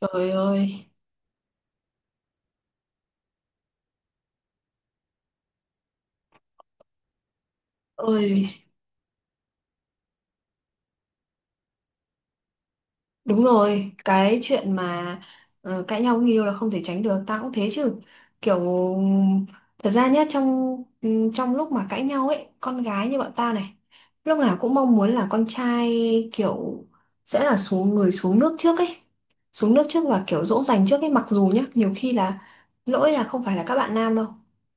Trời ơi! Ôi. Đúng rồi, cái chuyện mà cãi nhau người yêu là không thể tránh được, tao cũng thế chứ. Kiểu thật ra nhá, trong lúc mà cãi nhau ấy, con gái như bọn ta này, lúc nào cũng mong muốn là con trai kiểu sẽ là xuống nước trước ấy. Xuống nước trước và kiểu dỗ dành trước ấy, mặc dù nhá, nhiều khi là lỗi là không phải là các bạn nam đâu,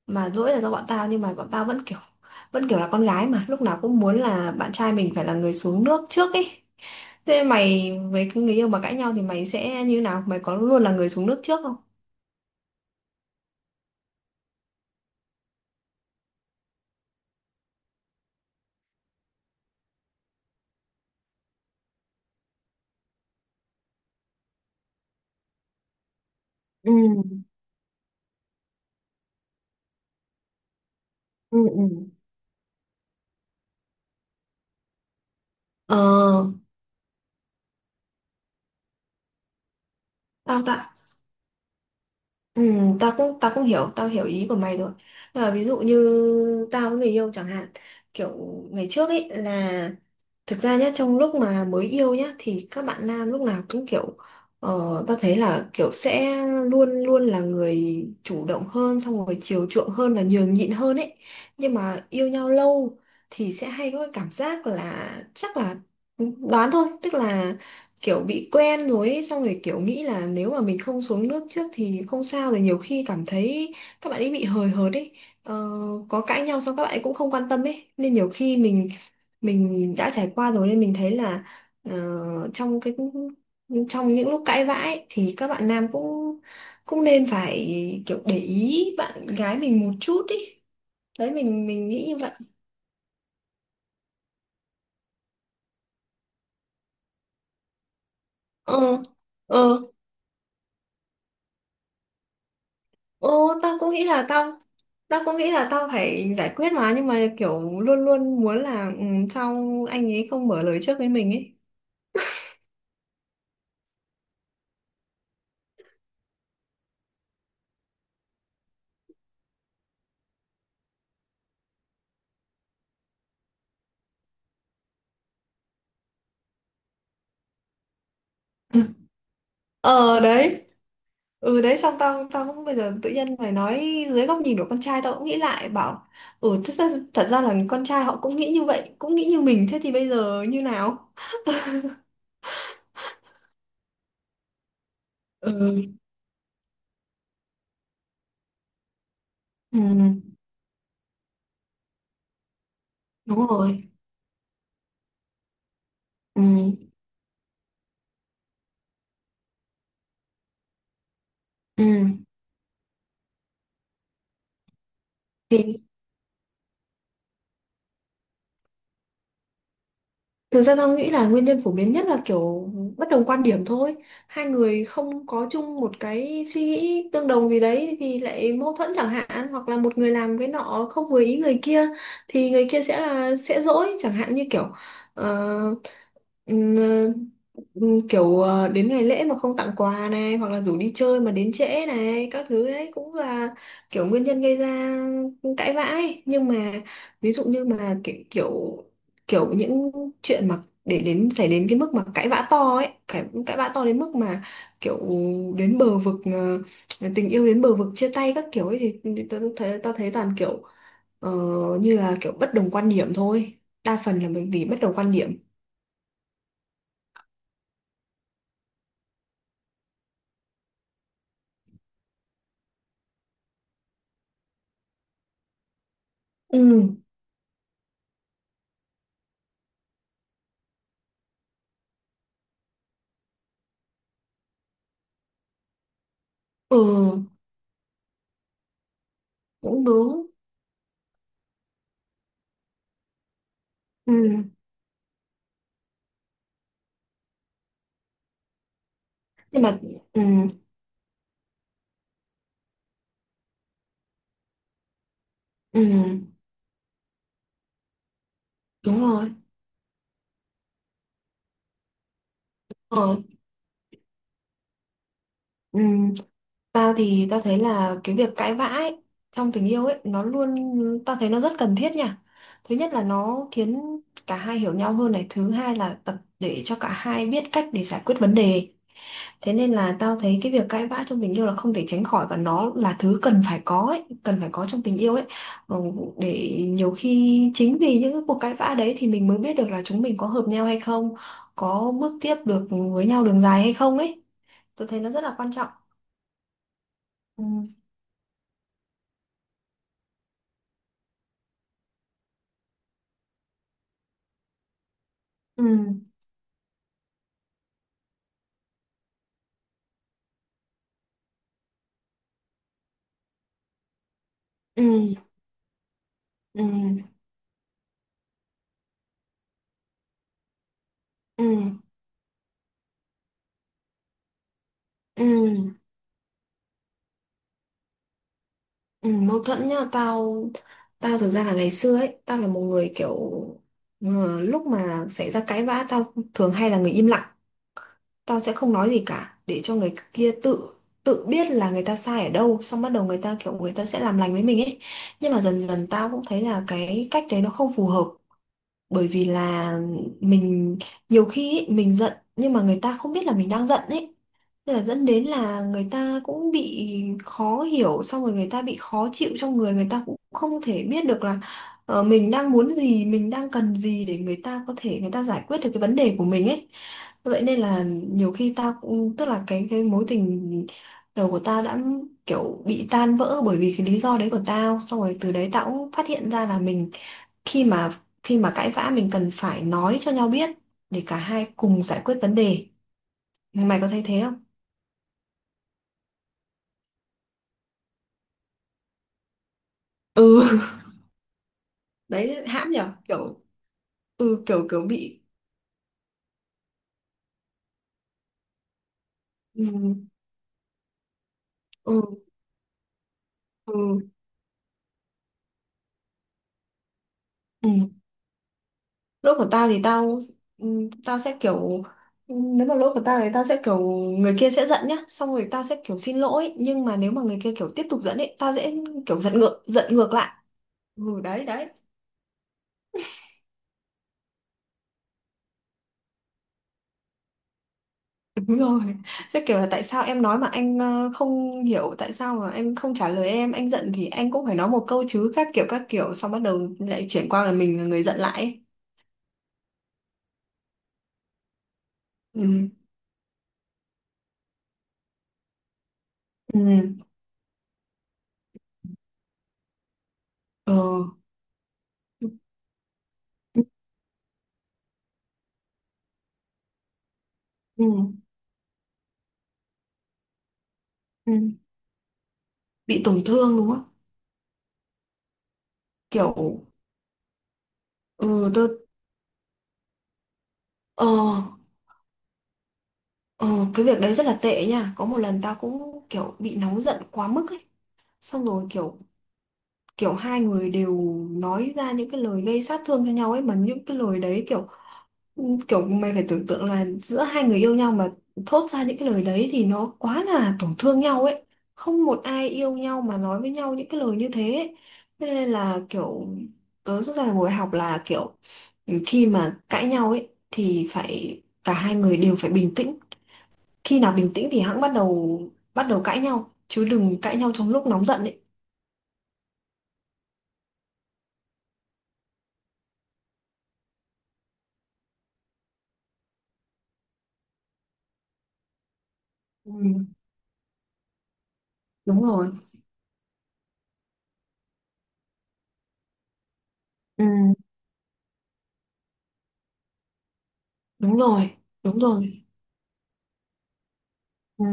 mà lỗi là do bọn tao, nhưng mà bọn tao vẫn kiểu là con gái mà, lúc nào cũng muốn là bạn trai mình phải là người xuống nước trước ấy. Thế mày với cái người yêu mà cãi nhau thì mày sẽ như nào? Mày có luôn là người xuống nước trước không? Ừ, ừ, ừ. Ờ, tao ta, ừ, tao cũng hiểu, tao hiểu ý của mày rồi. Nhưng mà ví dụ như tao với người yêu chẳng hạn, kiểu ngày trước ấy là. Thực ra nhá, trong lúc mà mới yêu nhá thì các bạn nam lúc nào cũng ta thấy là kiểu sẽ luôn luôn là người chủ động hơn, xong rồi chiều chuộng hơn và nhường nhịn hơn ấy. Nhưng mà yêu nhau lâu thì sẽ hay có cái cảm giác là chắc là đoán thôi, tức là kiểu bị quen rồi ấy, xong rồi kiểu nghĩ là nếu mà mình không xuống nước trước thì không sao, rồi nhiều khi cảm thấy các bạn ấy bị hời hợt ấy. Ờ, có cãi nhau xong các bạn ấy cũng không quan tâm ấy, nên nhiều khi mình đã trải qua rồi nên mình thấy là ờ, trong cái trong những lúc cãi vã ấy, thì các bạn nam cũng cũng nên phải kiểu để ý bạn gái mình một chút ý. Đấy, mình nghĩ như vậy. Ờ, ờ, ờ. Tao cũng nghĩ là tao tao cũng nghĩ là tao phải giải quyết mà, nhưng mà kiểu luôn luôn muốn là sao anh ấy không mở lời trước với mình ấy. Ờ đấy. Ừ đấy, xong tao tao cũng bây giờ tự nhiên mày nói dưới góc nhìn của con trai, tao cũng nghĩ lại bảo ừ, thật ra là con trai họ cũng nghĩ như vậy, cũng nghĩ như mình, thế thì bây giờ như nào? Ừ, ừ, đúng rồi. Ừ, ừ. Thực ra tao nghĩ là nguyên nhân phổ biến nhất là kiểu bất đồng quan điểm thôi. Hai người không có chung một cái suy nghĩ tương đồng gì đấy thì lại mâu thuẫn chẳng hạn, hoặc là một người làm cái nọ không vừa ý người kia thì người kia sẽ dỗi, chẳng hạn như ờ, ừm, ờ, kiểu đến ngày lễ mà không tặng quà này, hoặc là rủ đi chơi mà đến trễ này, các thứ đấy cũng là kiểu nguyên nhân gây ra cãi vã ấy. Nhưng mà ví dụ như mà kiểu, kiểu kiểu những chuyện mà để đến xảy đến cái mức mà cãi vã to ấy, cãi vã to đến mức mà kiểu đến bờ vực tình yêu đến bờ vực chia tay các kiểu ấy, thì tao thấy toàn kiểu ờ, như là kiểu bất đồng quan điểm thôi, đa phần là bởi vì bất đồng quan điểm. Ừ, ừ cũng đúng. Ừ. Nhưng mà ừ, ừ đúng rồi. Ờ, ừ. Tao thì tao thấy là cái việc cãi vã ấy, trong tình yêu ấy nó luôn, tao thấy nó rất cần thiết nha. Thứ nhất là nó khiến cả hai hiểu nhau hơn này, thứ hai là tập để cho cả hai biết cách để giải quyết vấn đề. Thế nên là tao thấy cái việc cãi vã trong tình yêu là không thể tránh khỏi, và nó là thứ cần phải có ấy, cần phải có trong tình yêu ấy. Ừ, để nhiều khi chính vì những cái cuộc cãi vã đấy thì mình mới biết được là chúng mình có hợp nhau hay không, có bước tiếp được với nhau đường dài hay không ấy. Tôi thấy nó rất là quan trọng. Ừ. Ừ. Ừ, ừ, ừ, ừ, ừ. Mâu thuẫn nhá. Tao tao thực ra là ngày xưa ấy tao là một người kiểu lúc mà xảy ra cãi vã tao thường hay là người im lặng, tao sẽ không nói gì cả để cho người kia tự tự biết là người ta sai ở đâu, xong bắt đầu người ta kiểu người ta sẽ làm lành với mình ấy. Nhưng mà dần dần tao cũng thấy là cái cách đấy nó không phù hợp, bởi vì là mình, nhiều khi ấy, mình giận nhưng mà người ta không biết là mình đang giận ấy, nên là dẫn đến là người ta cũng bị khó hiểu, xong rồi người ta bị khó chịu trong người, người ta cũng không thể biết được là mình đang muốn gì, mình đang cần gì, để người ta có thể người ta giải quyết được cái vấn đề của mình ấy. Vậy nên là nhiều khi tao cũng tức là cái mối tình đầu của tao đã kiểu bị tan vỡ bởi vì cái lý do đấy của tao, xong rồi từ đấy tao cũng phát hiện ra là mình, khi mà cãi vã mình cần phải nói cho nhau biết để cả hai cùng giải quyết vấn đề. Mày có thấy thế không? Ừ. Đấy, hãm nhở. Kiểu, ừ, kiểu kiểu bị. Ừ, ừ, ừ, ừ. Lỗi của tao thì tao, tao sẽ kiểu, nếu mà lỗi của tao thì tao sẽ kiểu người kia sẽ giận nhá, xong rồi tao sẽ kiểu xin lỗi, nhưng mà nếu mà người kia kiểu tiếp tục giận ấy tao sẽ kiểu giận ngược lại. Ừ đấy, đấy. Đúng rồi. Sẽ kiểu là tại sao em nói mà anh không hiểu, tại sao mà anh không trả lời em, anh giận thì anh cũng phải nói một câu chứ, các kiểu, xong bắt đầu lại chuyển qua là mình là người giận lại ấy. Ừ. Ừ. Ờ. Ừ. Ừ. Ừ. Bị tổn thương đúng không? Kiểu, ừ tôi. ờ ờ cái việc đấy rất là tệ nha. Có một lần tao cũng kiểu bị nóng giận quá mức ấy, xong rồi kiểu kiểu hai người đều nói ra những cái lời gây sát thương cho nhau ấy, mà những cái lời đấy kiểu kiểu mày phải tưởng tượng là giữa hai người yêu nhau mà thốt ra những cái lời đấy thì nó quá là tổn thương nhau ấy. Không một ai yêu nhau mà nói với nhau những cái lời như thế ấy. Thế nên là kiểu tớ rút ra là ngồi học là kiểu khi mà cãi nhau ấy thì phải cả hai người đều phải bình tĩnh, khi nào bình tĩnh thì hẵng bắt đầu cãi nhau, chứ đừng cãi nhau trong lúc nóng giận ấy. Ừ, đúng rồi. Ừ, đúng rồi, đúng rồi. Ừ.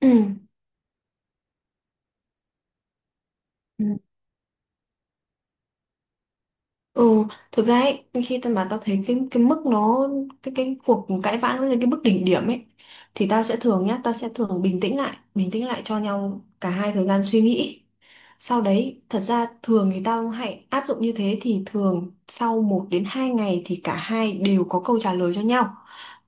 Ừ. Ừ. Ừ. Thực ra ấy, khi tao thấy cái mức nó cái cuộc cãi vã nó lên cái mức đỉnh điểm ấy, thì tao sẽ thường bình tĩnh lại cho nhau cả hai thời gian suy nghĩ. Sau đấy, thật ra thường thì tao hãy áp dụng như thế thì thường sau 1 đến 2 ngày thì cả hai đều có câu trả lời cho nhau.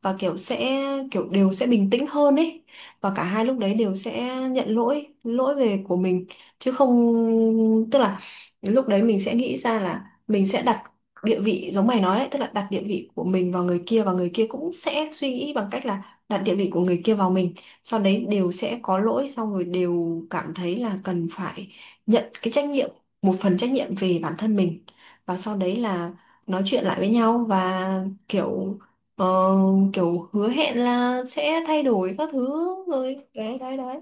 Và kiểu sẽ kiểu đều sẽ bình tĩnh hơn ấy. Và cả hai lúc đấy đều sẽ nhận lỗi, lỗi về của mình, chứ không, tức là lúc đấy mình sẽ nghĩ ra là mình sẽ đặt địa vị giống mày nói đấy, tức là đặt địa vị của mình vào người kia, và người kia cũng sẽ suy nghĩ bằng cách là đặt địa vị của người kia vào mình, sau đấy đều sẽ có lỗi, xong rồi đều cảm thấy là cần phải nhận cái trách nhiệm một phần trách nhiệm về bản thân mình, và sau đấy là nói chuyện lại với nhau, và kiểu ờ, kiểu hứa hẹn là sẽ thay đổi các thứ. Rồi đấy, đấy, đấy.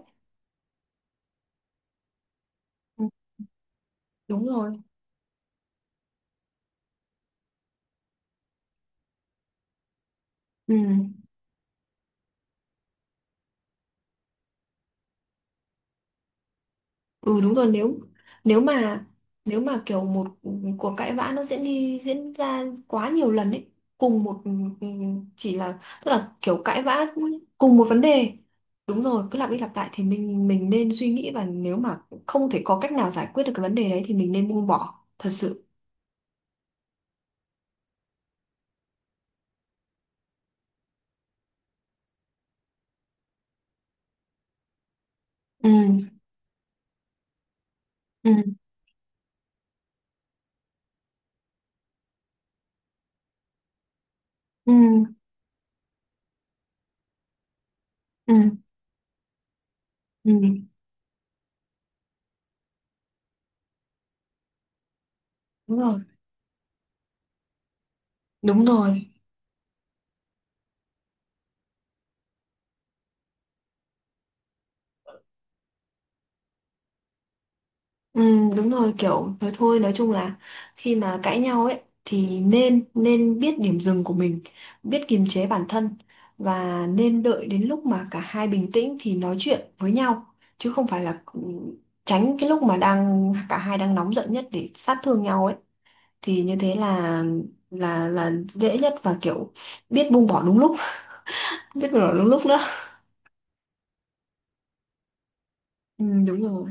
Ừ, đúng rồi. Ừ, ừ đúng rồi. Nếu nếu mà nếu mà kiểu một cuộc cãi vã nó diễn đi diễn ra quá nhiều lần ấy, cùng một ừ, chỉ là, tức là kiểu cãi vã cùng một vấn đề, đúng rồi, cứ lặp đi lặp lại thì mình nên suy nghĩ, và nếu mà không thể có cách nào giải quyết được cái vấn đề đấy thì mình nên buông bỏ thật sự. Ừ, ừ, ừ, ừ, ừ. Đúng rồi, đúng rồi. Ừ, đúng rồi, kiểu nói thôi, nói chung là khi mà cãi nhau ấy thì nên nên biết điểm dừng của mình, biết kiềm chế bản thân, và nên đợi đến lúc mà cả hai bình tĩnh thì nói chuyện với nhau, chứ không phải là tránh cái lúc mà đang cả hai đang nóng giận nhất để sát thương nhau ấy, thì như thế là dễ nhất, và kiểu biết buông bỏ đúng lúc. Biết buông bỏ đúng lúc nữa. Ừ, đúng rồi.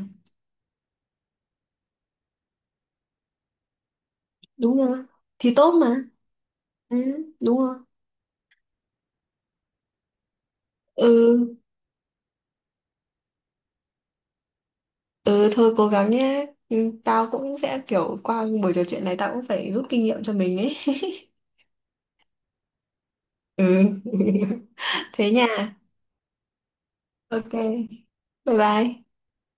Đúng rồi, thì tốt mà. Ừ, đúng rồi. Ừ. Ừ thôi, cố gắng nhé. Ừ, tao cũng sẽ kiểu qua buổi trò chuyện này tao cũng phải rút kinh nghiệm cho mình ấy. Ừ. Thế nha. Ok. Bye bye.